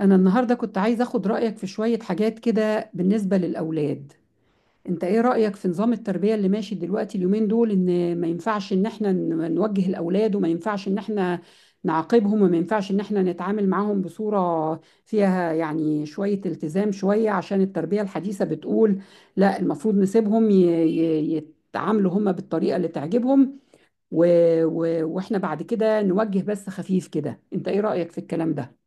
أنا النهاردة كنت عايزة أخد رأيك في شوية حاجات كده بالنسبة للأولاد. أنت إيه رأيك في نظام التربية اللي ماشي دلوقتي اليومين دول؟ إن ما ينفعش إن إحنا نوجه الأولاد، وما ينفعش إن إحنا نعاقبهم، وما ينفعش إن إحنا نتعامل معاهم بصورة فيها يعني شوية التزام شوية، عشان التربية الحديثة بتقول لا، المفروض نسيبهم ي... يتعاملوا هما بالطريقة اللي تعجبهم، و... وإحنا بعد كده نوجه بس خفيف كده. أنت إيه رأيك في الكلام ده؟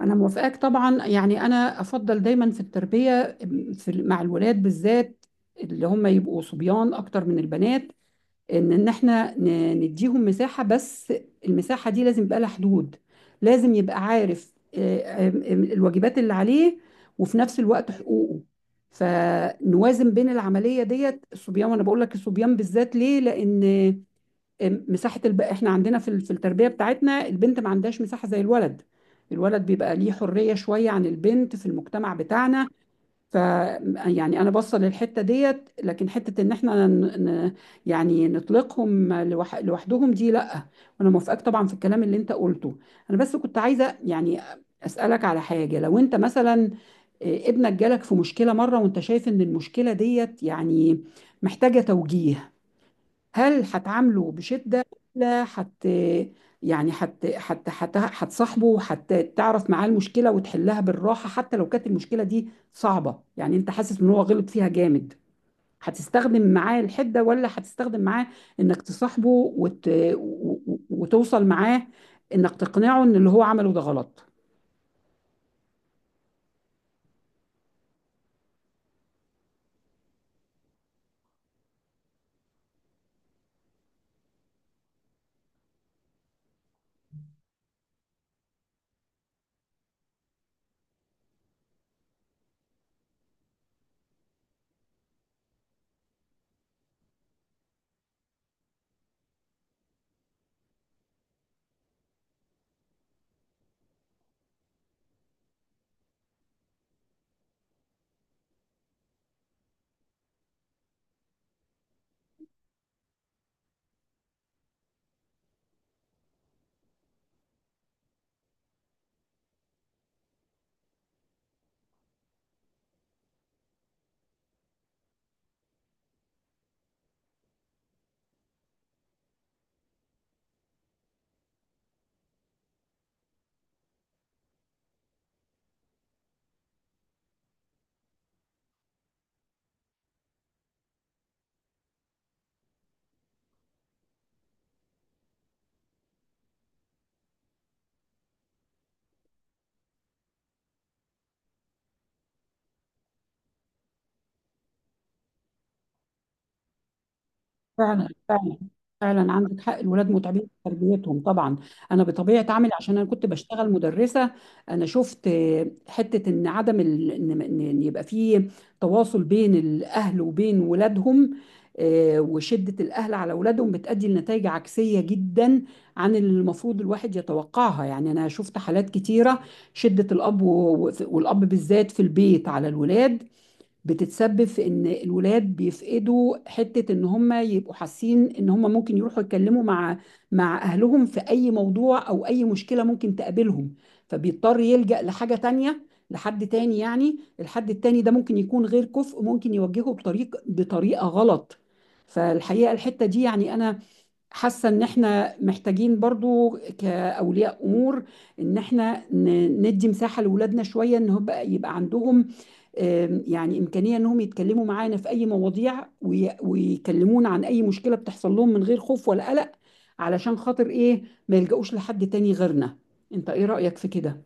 أنا موافقاك طبعا، يعني أنا أفضل دايما في التربية في مع الولاد بالذات، اللي هم يبقوا صبيان أكتر من البنات، إن إحنا نديهم مساحة، بس المساحة دي لازم يبقى لها حدود. لازم يبقى عارف آه، الواجبات اللي عليه وفي نفس الوقت حقوقه، فنوازن بين العملية ديت. الصبيان، وأنا بقول لك الصبيان بالذات ليه؟ لأن مساحه احنا عندنا في التربيه بتاعتنا، البنت ما عندهاش مساحه زي الولد. الولد بيبقى ليه حريه شويه عن البنت في المجتمع بتاعنا. ف يعني انا باصه للحته ديت، لكن حته ان احنا يعني نطلقهم لوحدهم، دي لا. وانا موافقاك طبعا في الكلام اللي انت قلته. انا بس كنت عايزه يعني اسالك على حاجه. لو انت مثلا ابنك جالك في مشكله مره، وانت شايف ان المشكله ديت يعني محتاجه توجيه، هل هتعامله بشدة، ولا حت يعني حت حت حت هتصاحبه حتى تعرف معاه المشكلة وتحلها بالراحة؟ حتى لو كانت المشكلة دي صعبة، يعني انت حاسس ان هو غلط فيها جامد، هتستخدم معاه الحدة، ولا هتستخدم معاه انك تصاحبه وتوصل معاه انك تقنعه ان اللي هو عمله ده غلط؟ فعلا فعلا فعلا عندك حق، الولاد متعبين في تربيتهم طبعا. انا بطبيعه عملي، عشان انا كنت بشتغل مدرسه، انا شفت حته ان عدم ال... ان إن يبقى في تواصل بين الاهل وبين ولادهم، وشده الاهل على ولادهم بتؤدي لنتائج عكسيه جدا عن اللي المفروض الواحد يتوقعها. يعني انا شفت حالات كتيره، شده الاب والاب بالذات في البيت على الولاد بتتسبب في ان الولاد بيفقدوا حتة ان هم يبقوا حاسين ان هم ممكن يروحوا يتكلموا مع اهلهم في اي موضوع او اي مشكلة ممكن تقابلهم، فبيضطر يلجأ لحاجة تانية، لحد تاني. يعني الحد التاني ده ممكن يكون غير كفء، ممكن يوجهه بطريقة غلط. فالحقيقة الحتة دي يعني انا حاسة ان احنا محتاجين برضو كأولياء امور ان احنا ندي مساحة لولادنا شوية، ان هو يبقى عندهم يعني امكانية انهم يتكلموا معانا في اي مواضيع ويكلمونا عن اي مشكلة بتحصل لهم من غير خوف ولا قلق. علشان خاطر ايه؟ ما يلجأوش لحد تاني غيرنا. انت ايه رأيك في كده؟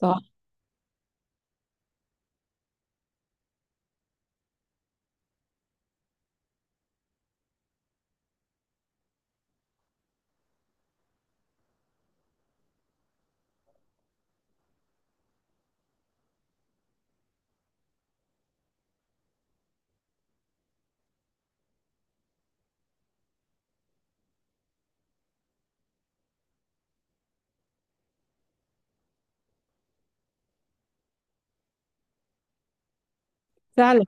صح. فعلا،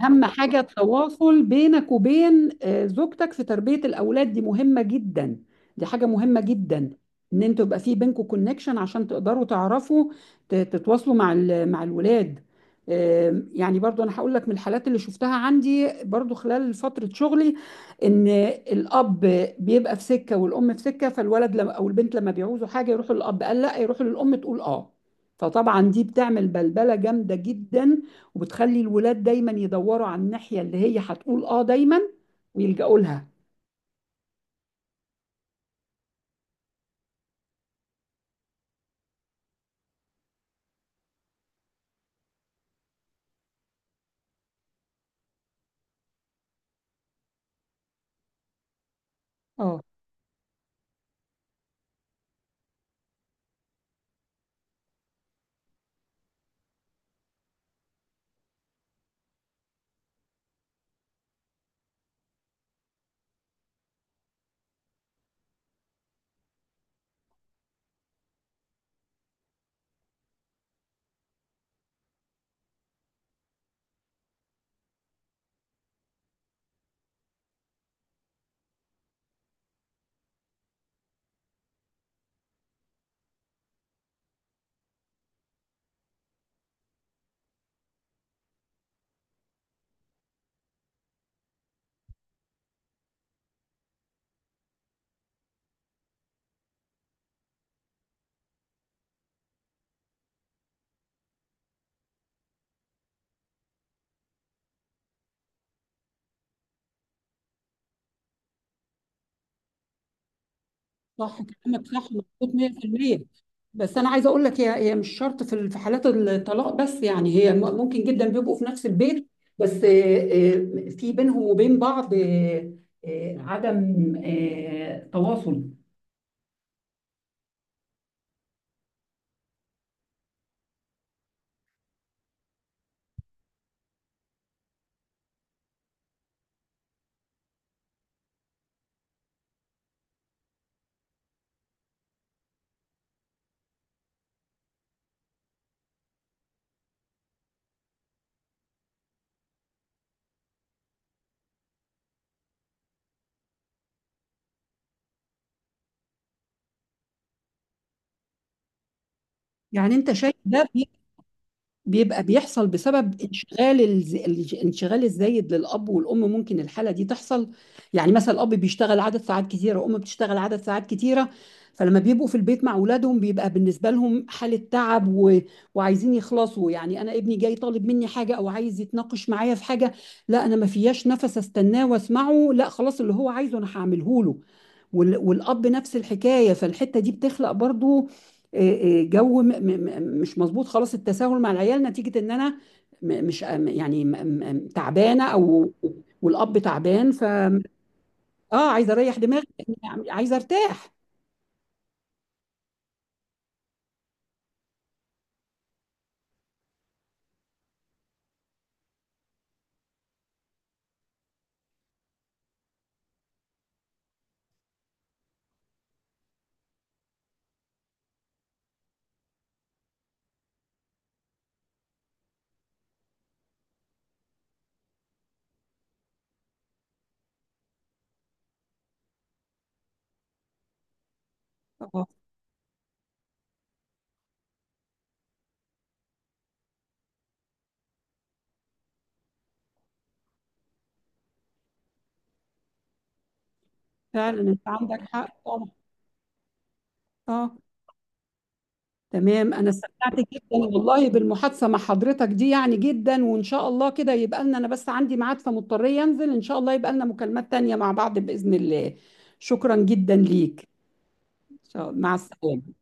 اهم حاجه التواصل بينك وبين زوجتك في تربيه الاولاد دي مهمه جدا. دي حاجه مهمه جدا، ان انتوا يبقى في بينكم كونكشن عشان تقدروا تعرفوا تتواصلوا مع الولاد. يعني برضو انا هقول لك من الحالات اللي شفتها عندي برضو خلال فتره شغلي، ان الاب بيبقى في سكه والام في سكه، فالولد لما او البنت لما بيعوزوا حاجه يروحوا للاب قال لا، يروحوا للام تقول اه، فطبعا دي بتعمل بلبله جامده جدا وبتخلي الولاد دايما يدوروا على الناحية اللي هي هتقول اه دايما ويلجأوا لها. اه، صح كلامك، صح مظبوط 100%. بس انا عايزه اقول لك هي مش شرط في حالات الطلاق بس، يعني هي ممكن جدا بيبقوا في نفس البيت، بس في بينهم وبين بعض عدم تواصل. يعني انت شايف ده بيبقى بيحصل بسبب الانشغال الزايد للأب والأم، ممكن الحالة دي تحصل. يعني مثلا الأب بيشتغل عدد ساعات كتيرة، وأم بتشتغل عدد ساعات كتيرة، فلما بيبقوا في البيت مع أولادهم بيبقى بالنسبة لهم حالة تعب وعايزين يخلصوا. يعني أنا ابني جاي طالب مني حاجة أو عايز يتناقش معايا في حاجة، لا أنا ما فياش نفس أستناه وأسمعه، لا خلاص اللي هو عايزه أنا هعمله له، والأب نفس الحكاية. فالحتة دي بتخلق برضو جو مش مظبوط خالص، التساهل مع العيال نتيجة إن أنا مش تعبانة، أو والأب تعبان. عايزة أريح دماغي، لأني عايزة أرتاح. آه، فعلا أنت عندك حق طبعا. آه. تمام، أنا استمتعت جدا والله بالمحادثة مع حضرتك دي يعني جدا، وإن شاء الله كده يبقى لنا، أنا بس عندي ميعاد فمضطرية أنزل، إن شاء الله يبقى لنا مكالمات تانية مع بعض بإذن الله. شكرا جدا ليك. إن شاء الله مع السلامة.